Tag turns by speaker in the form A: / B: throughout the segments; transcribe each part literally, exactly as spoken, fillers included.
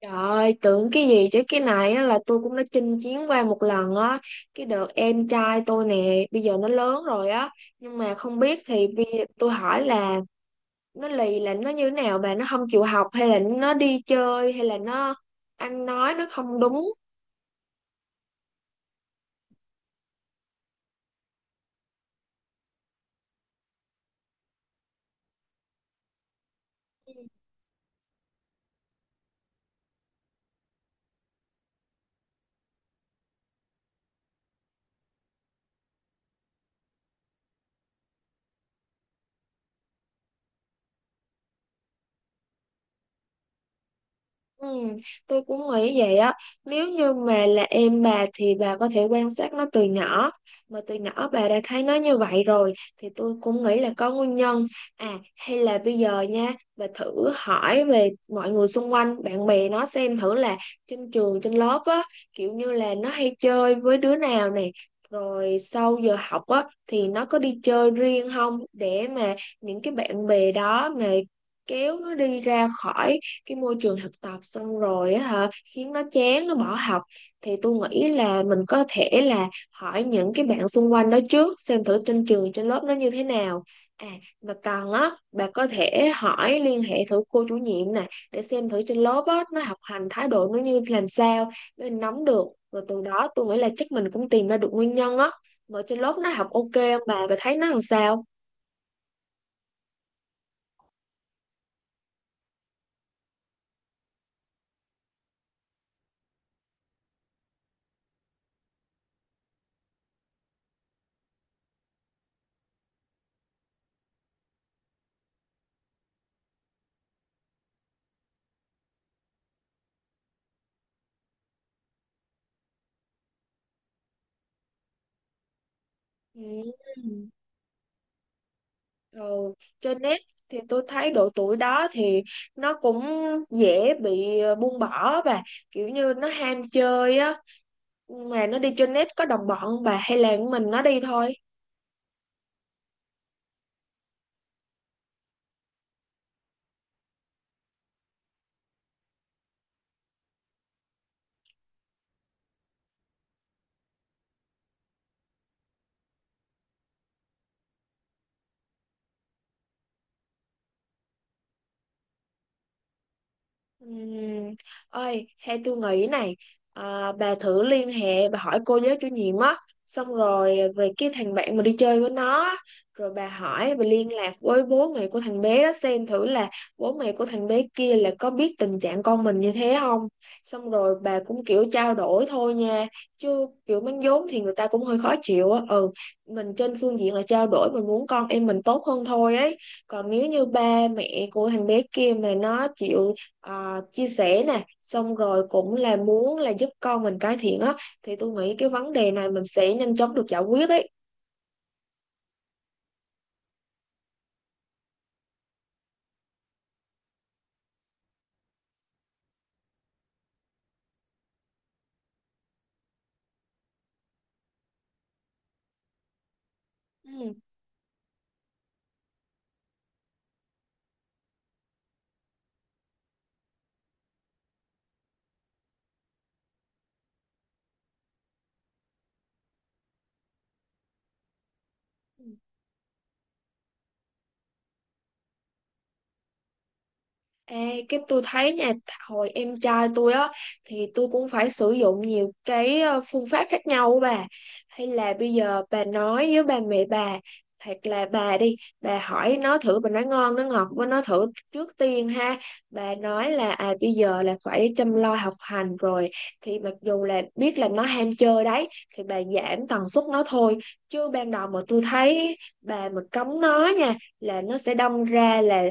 A: Trời ơi, tưởng cái gì chứ cái này á là tôi cũng đã chinh chiến qua một lần á. Cái đợt em trai tôi nè, bây giờ nó lớn rồi á. Nhưng mà không biết thì bây giờ tôi hỏi là nó lì là nó như thế nào bà. Nó không chịu học hay là nó đi chơi hay là nó ăn nói nó không đúng? Ừ, tôi cũng nghĩ vậy á, nếu như mà là em bà thì bà có thể quan sát nó từ nhỏ, mà từ nhỏ bà đã thấy nó như vậy rồi thì tôi cũng nghĩ là có nguyên nhân. À hay là bây giờ nha, bà thử hỏi về mọi người xung quanh bạn bè nó xem thử là trên trường trên lớp á, kiểu như là nó hay chơi với đứa nào nè, rồi sau giờ học á thì nó có đi chơi riêng không, để mà những cái bạn bè đó mà kéo nó đi ra khỏi cái môi trường thực tập xong rồi á hả, khiến nó chán nó bỏ học. Thì tôi nghĩ là mình có thể là hỏi những cái bạn xung quanh đó trước xem thử trên trường trên lớp nó như thế nào. À mà còn á, bà có thể hỏi liên hệ thử cô chủ nhiệm nè, để xem thử trên lớp á nó học hành thái độ nó như làm sao, để mình nắm được, rồi từ đó tôi nghĩ là chắc mình cũng tìm ra được nguyên nhân á. Mà trên lớp nó học ok không bà, bà thấy nó làm sao? Ừ. Ừ, trên net thì tôi thấy độ tuổi đó thì nó cũng dễ bị ờ, buông bỏ và kiểu như nó ham chơi á. Mà nó đi trên net có đồng bọn không bà, hay là mình nó đi thôi? Ừm, Ơi hay tôi nghĩ này, à, bà thử liên hệ bà hỏi cô giáo chủ nhiệm á, xong rồi về cái thằng bạn mà đi chơi với nó á, rồi bà hỏi bà liên lạc với bố mẹ của thằng bé đó xem thử là bố mẹ của thằng bé kia là có biết tình trạng con mình như thế không. Xong rồi bà cũng kiểu trao đổi thôi nha, chứ kiểu mắng vốn thì người ta cũng hơi khó chịu á, ừ. Mình trên phương diện là trao đổi, mình muốn con em mình tốt hơn thôi ấy. Còn nếu như ba mẹ của thằng bé kia mà nó chịu ờ, chia sẻ nè, xong rồi cũng là muốn là giúp con mình cải thiện á, thì tôi nghĩ cái vấn đề này mình sẽ nhanh chóng được giải quyết ấy. Ừ. Ê, cái tôi thấy nha, hồi em trai tôi á thì tôi cũng phải sử dụng nhiều cái ờ, phương pháp khác nhau á bà. Hay là bây giờ bà nói với ba mẹ bà, hoặc là bà đi bà hỏi nó thử, bà nói ngon nó ngọt với nó thử trước tiên ha. Bà nói là à bây giờ là phải chăm lo học hành rồi, thì mặc dù là biết là nó ham chơi đấy thì bà giảm tần suất nó thôi. Chứ ban đầu mà tôi thấy bà mà cấm nó nha là nó sẽ đâm ra là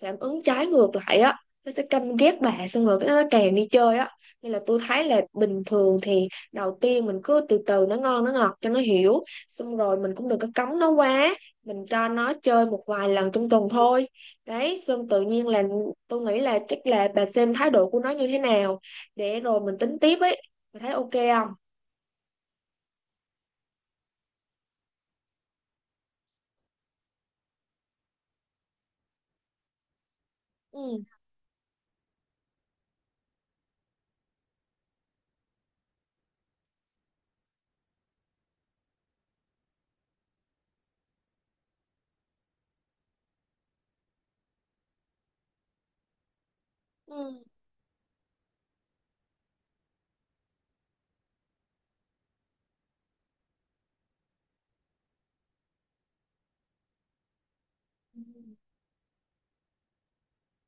A: phản ứng trái ngược lại á, nó sẽ căm ghét bà xong rồi cái nó càng đi chơi á. Nên là tôi thấy là bình thường thì đầu tiên mình cứ từ từ nó ngon nó ngọt cho nó hiểu, xong rồi mình cũng đừng có cấm nó quá, mình cho nó chơi một vài lần trong tuần thôi. Đấy xong tự nhiên là tôi nghĩ là chắc là bà xem thái độ của nó như thế nào để rồi mình tính tiếp ấy. Bà thấy ok không? Ừ. Ừ.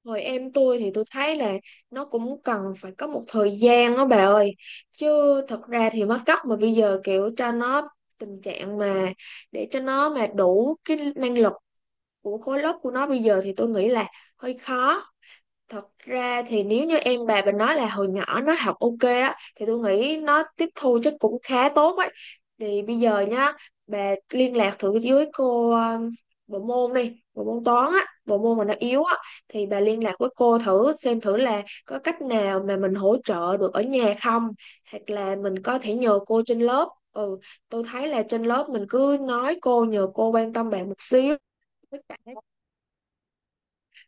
A: Hồi em tôi thì tôi thấy là nó cũng cần phải có một thời gian đó bà ơi. Chứ thật ra thì mất cấp mà bây giờ kiểu cho nó tình trạng mà để cho nó mà đủ cái năng lực của khối lớp của nó bây giờ thì tôi nghĩ là hơi khó. Thật ra thì nếu như em bà mình nói là hồi nhỏ nó học ok á thì tôi nghĩ nó tiếp thu chắc cũng khá tốt ấy. Thì bây giờ nhá, bà liên lạc thử với cô um, bộ môn đi, bộ môn toán á, bộ môn mà nó yếu á, thì bà liên lạc với cô thử xem thử là có cách nào mà mình hỗ trợ được ở nhà không, hoặc là mình có thể nhờ cô trên lớp. Ừ, tôi thấy là trên lớp mình cứ nói cô nhờ cô quan tâm bạn một xíu. Với cả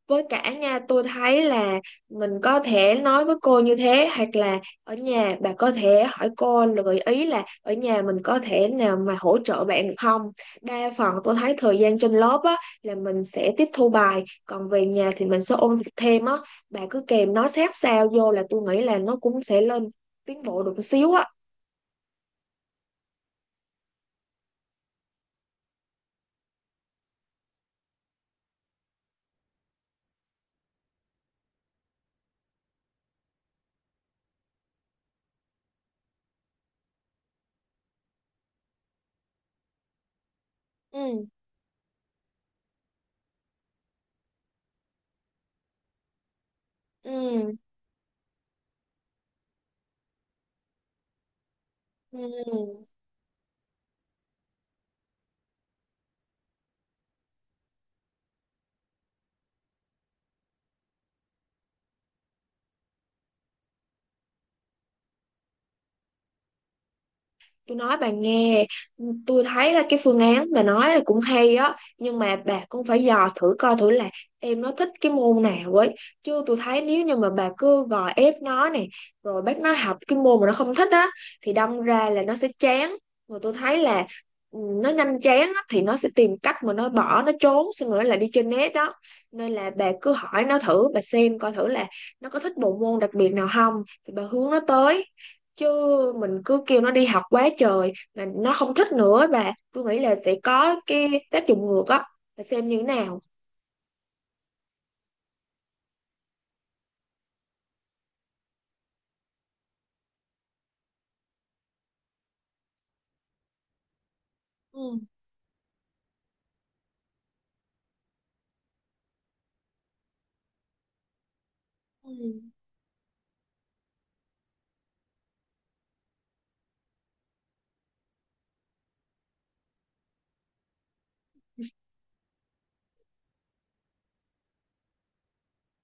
A: với cả nha tôi thấy là mình có thể nói với cô như thế, hoặc là ở nhà bà có thể hỏi cô là gợi ý là ở nhà mình có thể nào mà hỗ trợ bạn được không. Đa phần tôi thấy thời gian trên lớp á là mình sẽ tiếp thu bài, còn về nhà thì mình sẽ ôn việc thêm á, bà cứ kèm nó sát sao vô là tôi nghĩ là nó cũng sẽ lên tiến bộ được một xíu á. Ừ. Ừ. Ừ. Tôi nói bà nghe, tôi thấy là cái phương án bà nói là cũng hay á, nhưng mà bà cũng phải dò thử coi thử là em nó thích cái môn nào ấy. Chứ tôi thấy nếu như mà bà cứ gò ép nó này, rồi bắt nó học cái môn mà nó không thích á, thì đâm ra là nó sẽ chán. Mà tôi thấy là ừ, nó nhanh chán á, thì nó sẽ tìm cách mà nó bỏ, nó trốn, xong rồi nó lại đi trên net đó. Nên là bà cứ hỏi nó thử, bà xem coi thử là nó có thích bộ môn đặc biệt nào không, thì bà hướng nó tới, chứ mình cứ kêu nó đi học quá trời mà nó không thích nữa bà, tôi nghĩ là sẽ có cái tác dụng ngược á. Bà xem như thế nào? Ừ. Ừ.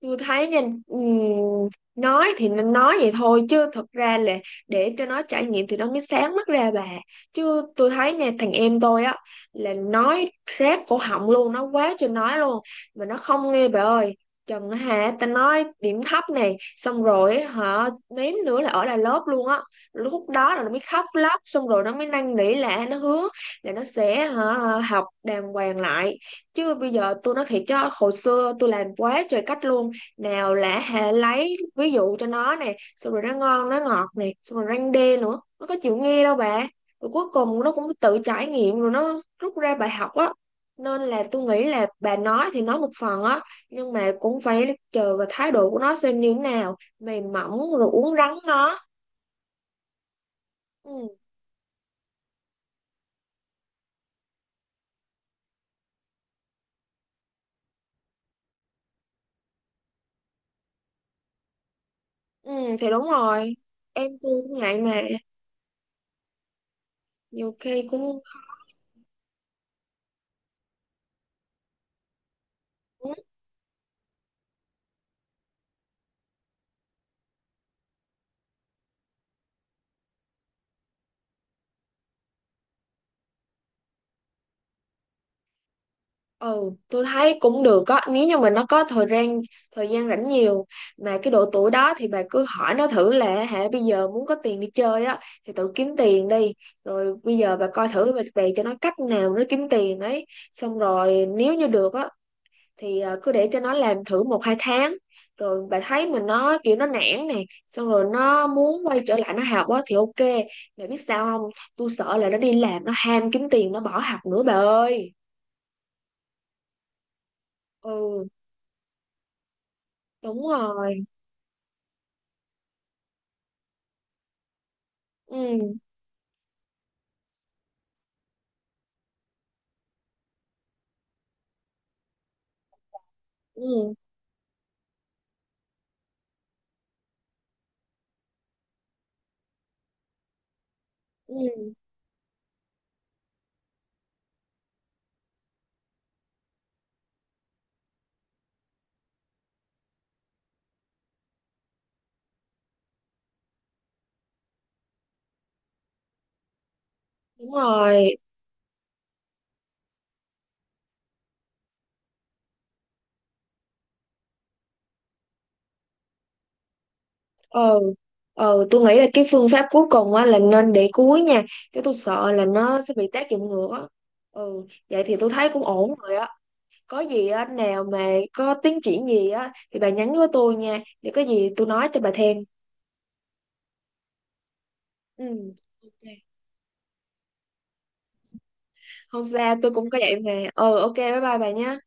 A: Tôi thấy nha, ừm, nói thì nên nói vậy thôi chứ thật ra là để cho nó trải nghiệm thì nó mới sáng mắt ra bà. Chứ tôi thấy nha thằng em tôi á là nói rát cổ họng luôn, nó quá trời nói luôn mà nó không nghe bà ơi. Trần á hả, ta nói điểm thấp này xong rồi á, hả, mém nữa là ở lại lớp luôn á. Lúc đó là nó mới khóc lóc xong rồi nó mới năn nỉ là nó hứa là nó sẽ hả học đàng hoàng lại. Chứ bây giờ tôi nói thiệt chứ hồi xưa tôi làm quá trời cách luôn, nào là hệ lấy ví dụ cho nó nè, xong rồi nó ngon nó ngọt nè, xong rồi răng đê nữa, nó có chịu nghe đâu bà. Rồi cuối cùng nó cũng tự trải nghiệm rồi nó rút ra bài học á. Nên là tôi nghĩ là bà nói thì nói một phần á, nhưng mà cũng phải chờ vào thái độ của nó xem như thế nào, mềm mỏng rồi uốn rắn nó. Ừ, ừ, thì đúng rồi, em tôi cũng ngại mà, nhiều khi cũng cũng Ừ, tôi thấy cũng được á, nếu như mà nó có thời gian, thời gian rảnh nhiều, mà cái độ tuổi đó thì bà cứ hỏi nó thử là hả bây giờ muốn có tiền đi chơi á thì tự kiếm tiền đi. Rồi bây giờ bà coi thử bà bày cho nó cách nào nó kiếm tiền ấy. Xong rồi nếu như được á thì à, cứ để cho nó làm thử một hai tháng. Rồi bà thấy mình nó kiểu nó nản nè, xong rồi nó muốn quay trở lại nó học á thì ok. Bà biết sao không? Tôi sợ là nó đi làm nó ham kiếm tiền nó bỏ học nữa bà ơi. Ừ, đúng rồi. Ừ. Ừ. Ừ, đúng rồi. Ờ, ờ, tôi nghĩ là cái phương pháp cuối cùng á là nên để cuối nha, chứ tôi sợ là nó sẽ bị tác dụng ngược á. Ừ, vậy thì tôi thấy cũng ổn rồi á. Có gì á nào mà có tiến triển gì á thì bà nhắn với tôi nha, để có gì tôi nói cho bà thêm. Ừ, ok. Không sao, tôi cũng có vậy mà. Ừ, ok, bye bye bà nha.